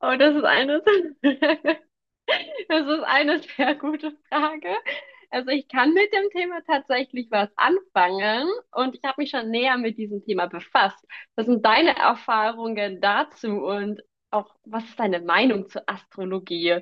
Oh, das ist eine, das ist eine sehr gute Frage. Also ich kann mit dem Thema tatsächlich was anfangen und ich habe mich schon näher mit diesem Thema befasst. Was sind deine Erfahrungen dazu und auch was ist deine Meinung zur Astrologie?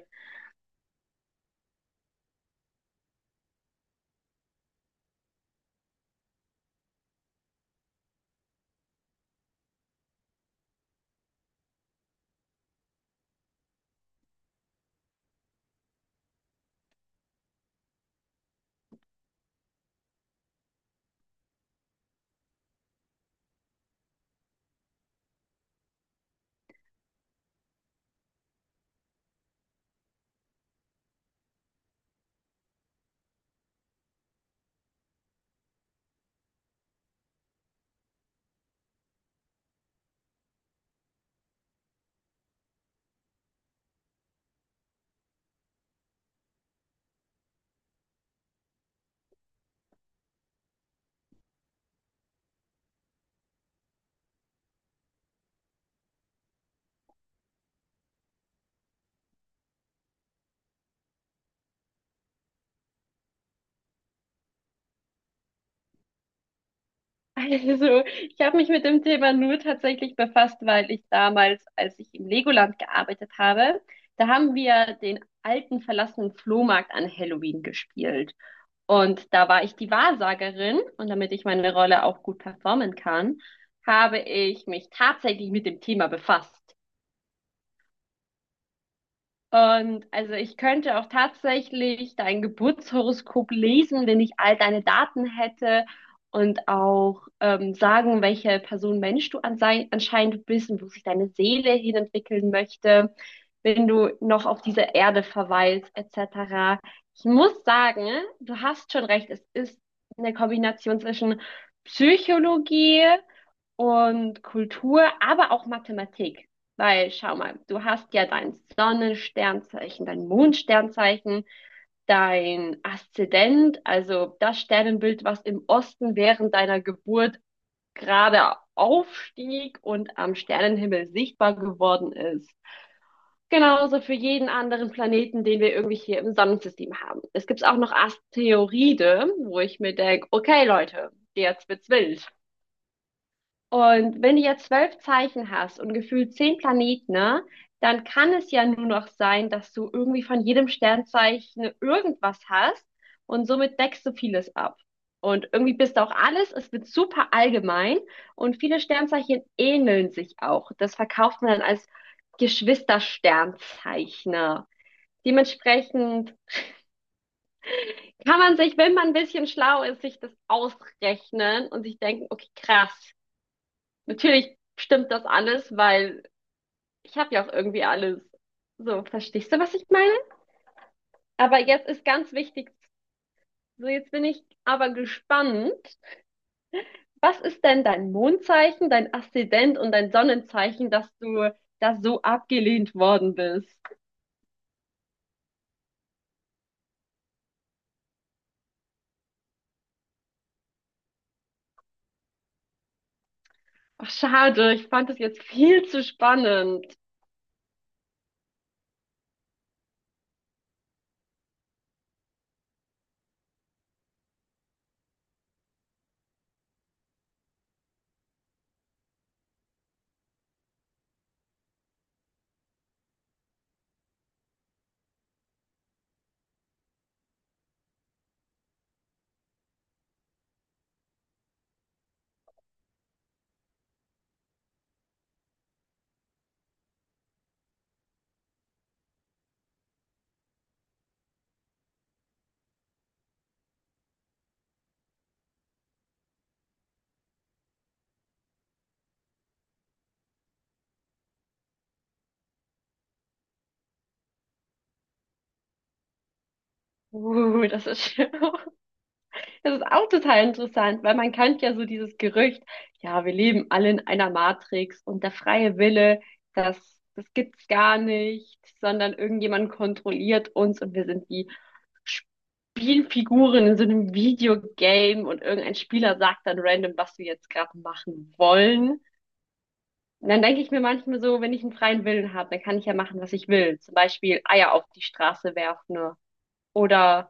Also ich habe mich mit dem Thema nur tatsächlich befasst, weil ich damals, als ich im Legoland gearbeitet habe, da haben wir den alten verlassenen Flohmarkt an Halloween gespielt. Und da war ich die Wahrsagerin, und damit ich meine Rolle auch gut performen kann, habe ich mich tatsächlich mit dem Thema befasst. Und also ich könnte auch tatsächlich dein Geburtshoroskop lesen, wenn ich all deine Daten hätte und auch sagen, welche Person Mensch du anscheinend bist und wo sich deine Seele hinentwickeln möchte, wenn du noch auf dieser Erde verweilst, etc. Ich muss sagen, du hast schon recht, es ist eine Kombination zwischen Psychologie und Kultur, aber auch Mathematik. Weil, schau mal, du hast ja dein Sonnensternzeichen, dein Mondsternzeichen, dein Aszendent, also das Sternenbild, was im Osten während deiner Geburt gerade aufstieg und am Sternenhimmel sichtbar geworden ist. Genauso für jeden anderen Planeten, den wir irgendwie hier im Sonnensystem haben. Es gibt auch noch Asteroide, wo ich mir denke, okay Leute, jetzt wird's wild. Und wenn du ja zwölf Zeichen hast und gefühlt zehn Planeten, ne, dann kann es ja nur noch sein, dass du irgendwie von jedem Sternzeichen irgendwas hast und somit deckst du vieles ab. Und irgendwie bist du auch alles, es wird super allgemein, und viele Sternzeichen ähneln sich auch. Das verkauft man dann als Geschwistersternzeichner. Dementsprechend kann man sich, wenn man ein bisschen schlau ist, sich das ausrechnen und sich denken, okay, krass. Natürlich stimmt das alles, weil ich habe ja auch irgendwie alles. So, verstehst du, was ich meine? Aber jetzt ist ganz wichtig, so, jetzt bin ich aber gespannt. Was ist denn dein Mondzeichen, dein Aszendent und dein Sonnenzeichen, dass du da so abgelehnt worden bist? Ach, schade, ich fand es jetzt viel zu spannend. Das ist schön. Das ist auch total interessant, weil man kennt ja so dieses Gerücht, ja, wir leben alle in einer Matrix und der freie Wille, das, das gibt's gar nicht, sondern irgendjemand kontrolliert uns und wir sind wie Spielfiguren in so einem Videogame, und irgendein Spieler sagt dann random, was wir jetzt gerade machen wollen. Und dann denke ich mir manchmal so, wenn ich einen freien Willen habe, dann kann ich ja machen, was ich will. Zum Beispiel Eier auf die Straße werfen oder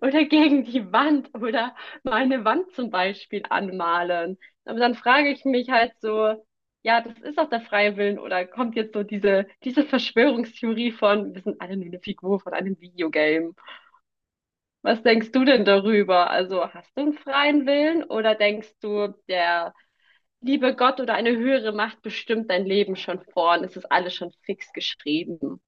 Oder gegen die Wand oder meine Wand zum Beispiel anmalen. Aber dann frage ich mich halt so, ja, das ist doch der freie Willen, oder kommt jetzt so diese Verschwörungstheorie von, wir sind alle nur eine Figur von einem Videogame. Was denkst du denn darüber? Also hast du einen freien Willen oder denkst du, der liebe Gott oder eine höhere Macht bestimmt dein Leben schon vor und es ist alles schon fix geschrieben?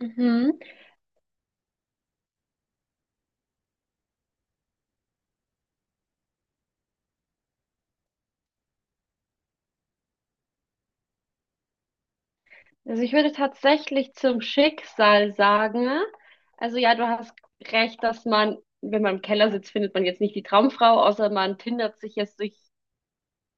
Mhm. Also ich würde tatsächlich zum Schicksal sagen, also ja, du hast recht, dass man, wenn man im Keller sitzt, findet man jetzt nicht die Traumfrau, außer man tindert sich jetzt durch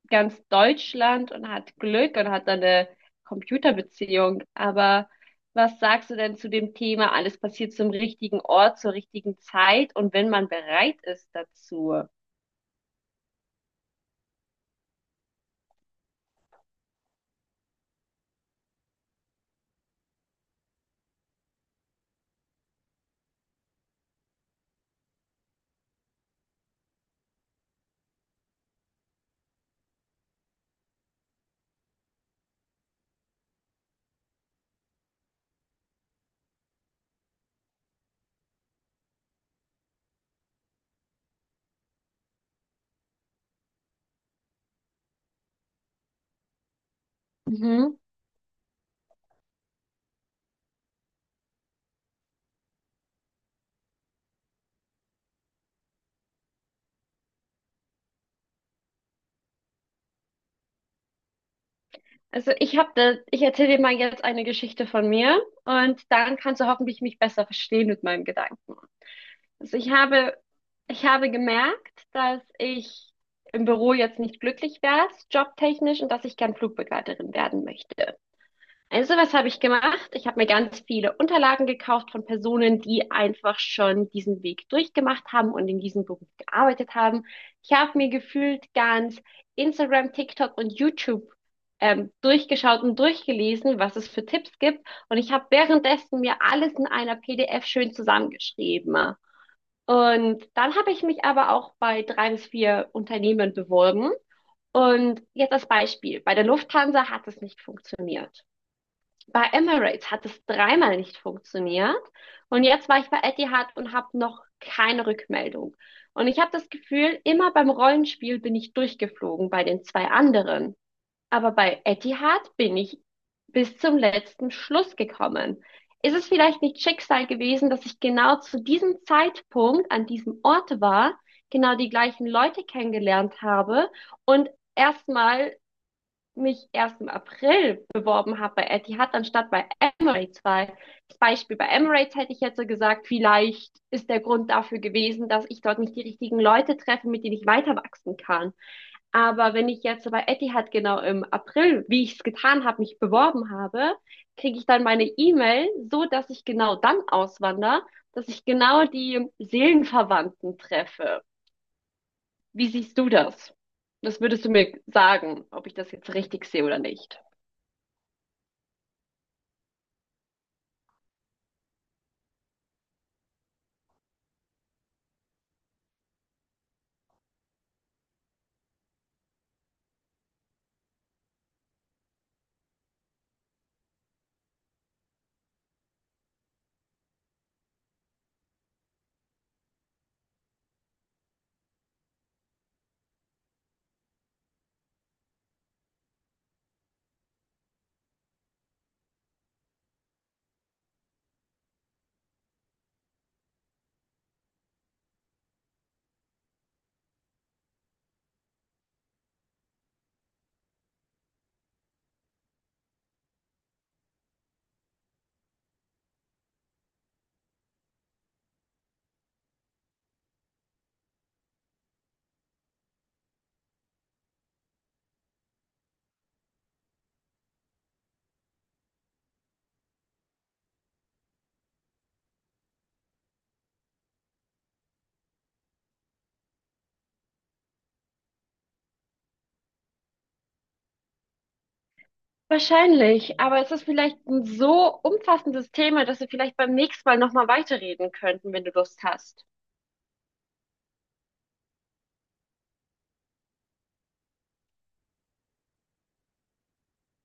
ganz Deutschland und hat Glück und hat dann eine Computerbeziehung. Aber was sagst du denn zu dem Thema, alles passiert zum richtigen Ort, zur richtigen Zeit und wenn man bereit ist dazu? Mhm. Also ich habe da, ich erzähle dir mal jetzt eine Geschichte von mir und dann kannst du hoffentlich mich besser verstehen mit meinen Gedanken. Also ich habe gemerkt, dass ich im Büro jetzt nicht glücklich wäre, jobtechnisch, und dass ich gern Flugbegleiterin werden möchte. Also was habe ich gemacht? Ich habe mir ganz viele Unterlagen gekauft von Personen, die einfach schon diesen Weg durchgemacht haben und in diesem Beruf gearbeitet haben. Ich habe mir gefühlt ganz Instagram, TikTok und YouTube durchgeschaut und durchgelesen, was es für Tipps gibt. Und ich habe währenddessen mir alles in einer PDF schön zusammengeschrieben. Und dann habe ich mich aber auch bei drei bis vier Unternehmen beworben. Und jetzt als Beispiel: Bei der Lufthansa hat es nicht funktioniert. Bei Emirates hat es dreimal nicht funktioniert. Und jetzt war ich bei Etihad und habe noch keine Rückmeldung. Und ich habe das Gefühl, immer beim Rollenspiel bin ich durchgeflogen bei den zwei anderen. Aber bei Etihad bin ich bis zum letzten Schluss gekommen. Ist es vielleicht nicht Schicksal gewesen, dass ich genau zu diesem Zeitpunkt an diesem Ort war, genau die gleichen Leute kennengelernt habe und erstmal mich erst im April beworben habe bei Etihad anstatt bei Emirates? Weil das Beispiel bei Emirates hätte ich jetzt so gesagt, vielleicht ist der Grund dafür gewesen, dass ich dort nicht die richtigen Leute treffe, mit denen ich weiter wachsen kann. Aber wenn ich jetzt bei Etihad genau im April, wie ich es getan habe, mich beworben habe, kriege ich dann meine E-Mail, so dass ich genau dann auswandere, dass ich genau die Seelenverwandten treffe. Wie siehst du das? Was würdest du mir sagen, ob ich das jetzt richtig sehe oder nicht? Wahrscheinlich, aber es ist vielleicht ein so umfassendes Thema, dass wir vielleicht beim nächsten Mal nochmal weiterreden könnten, wenn du Lust hast.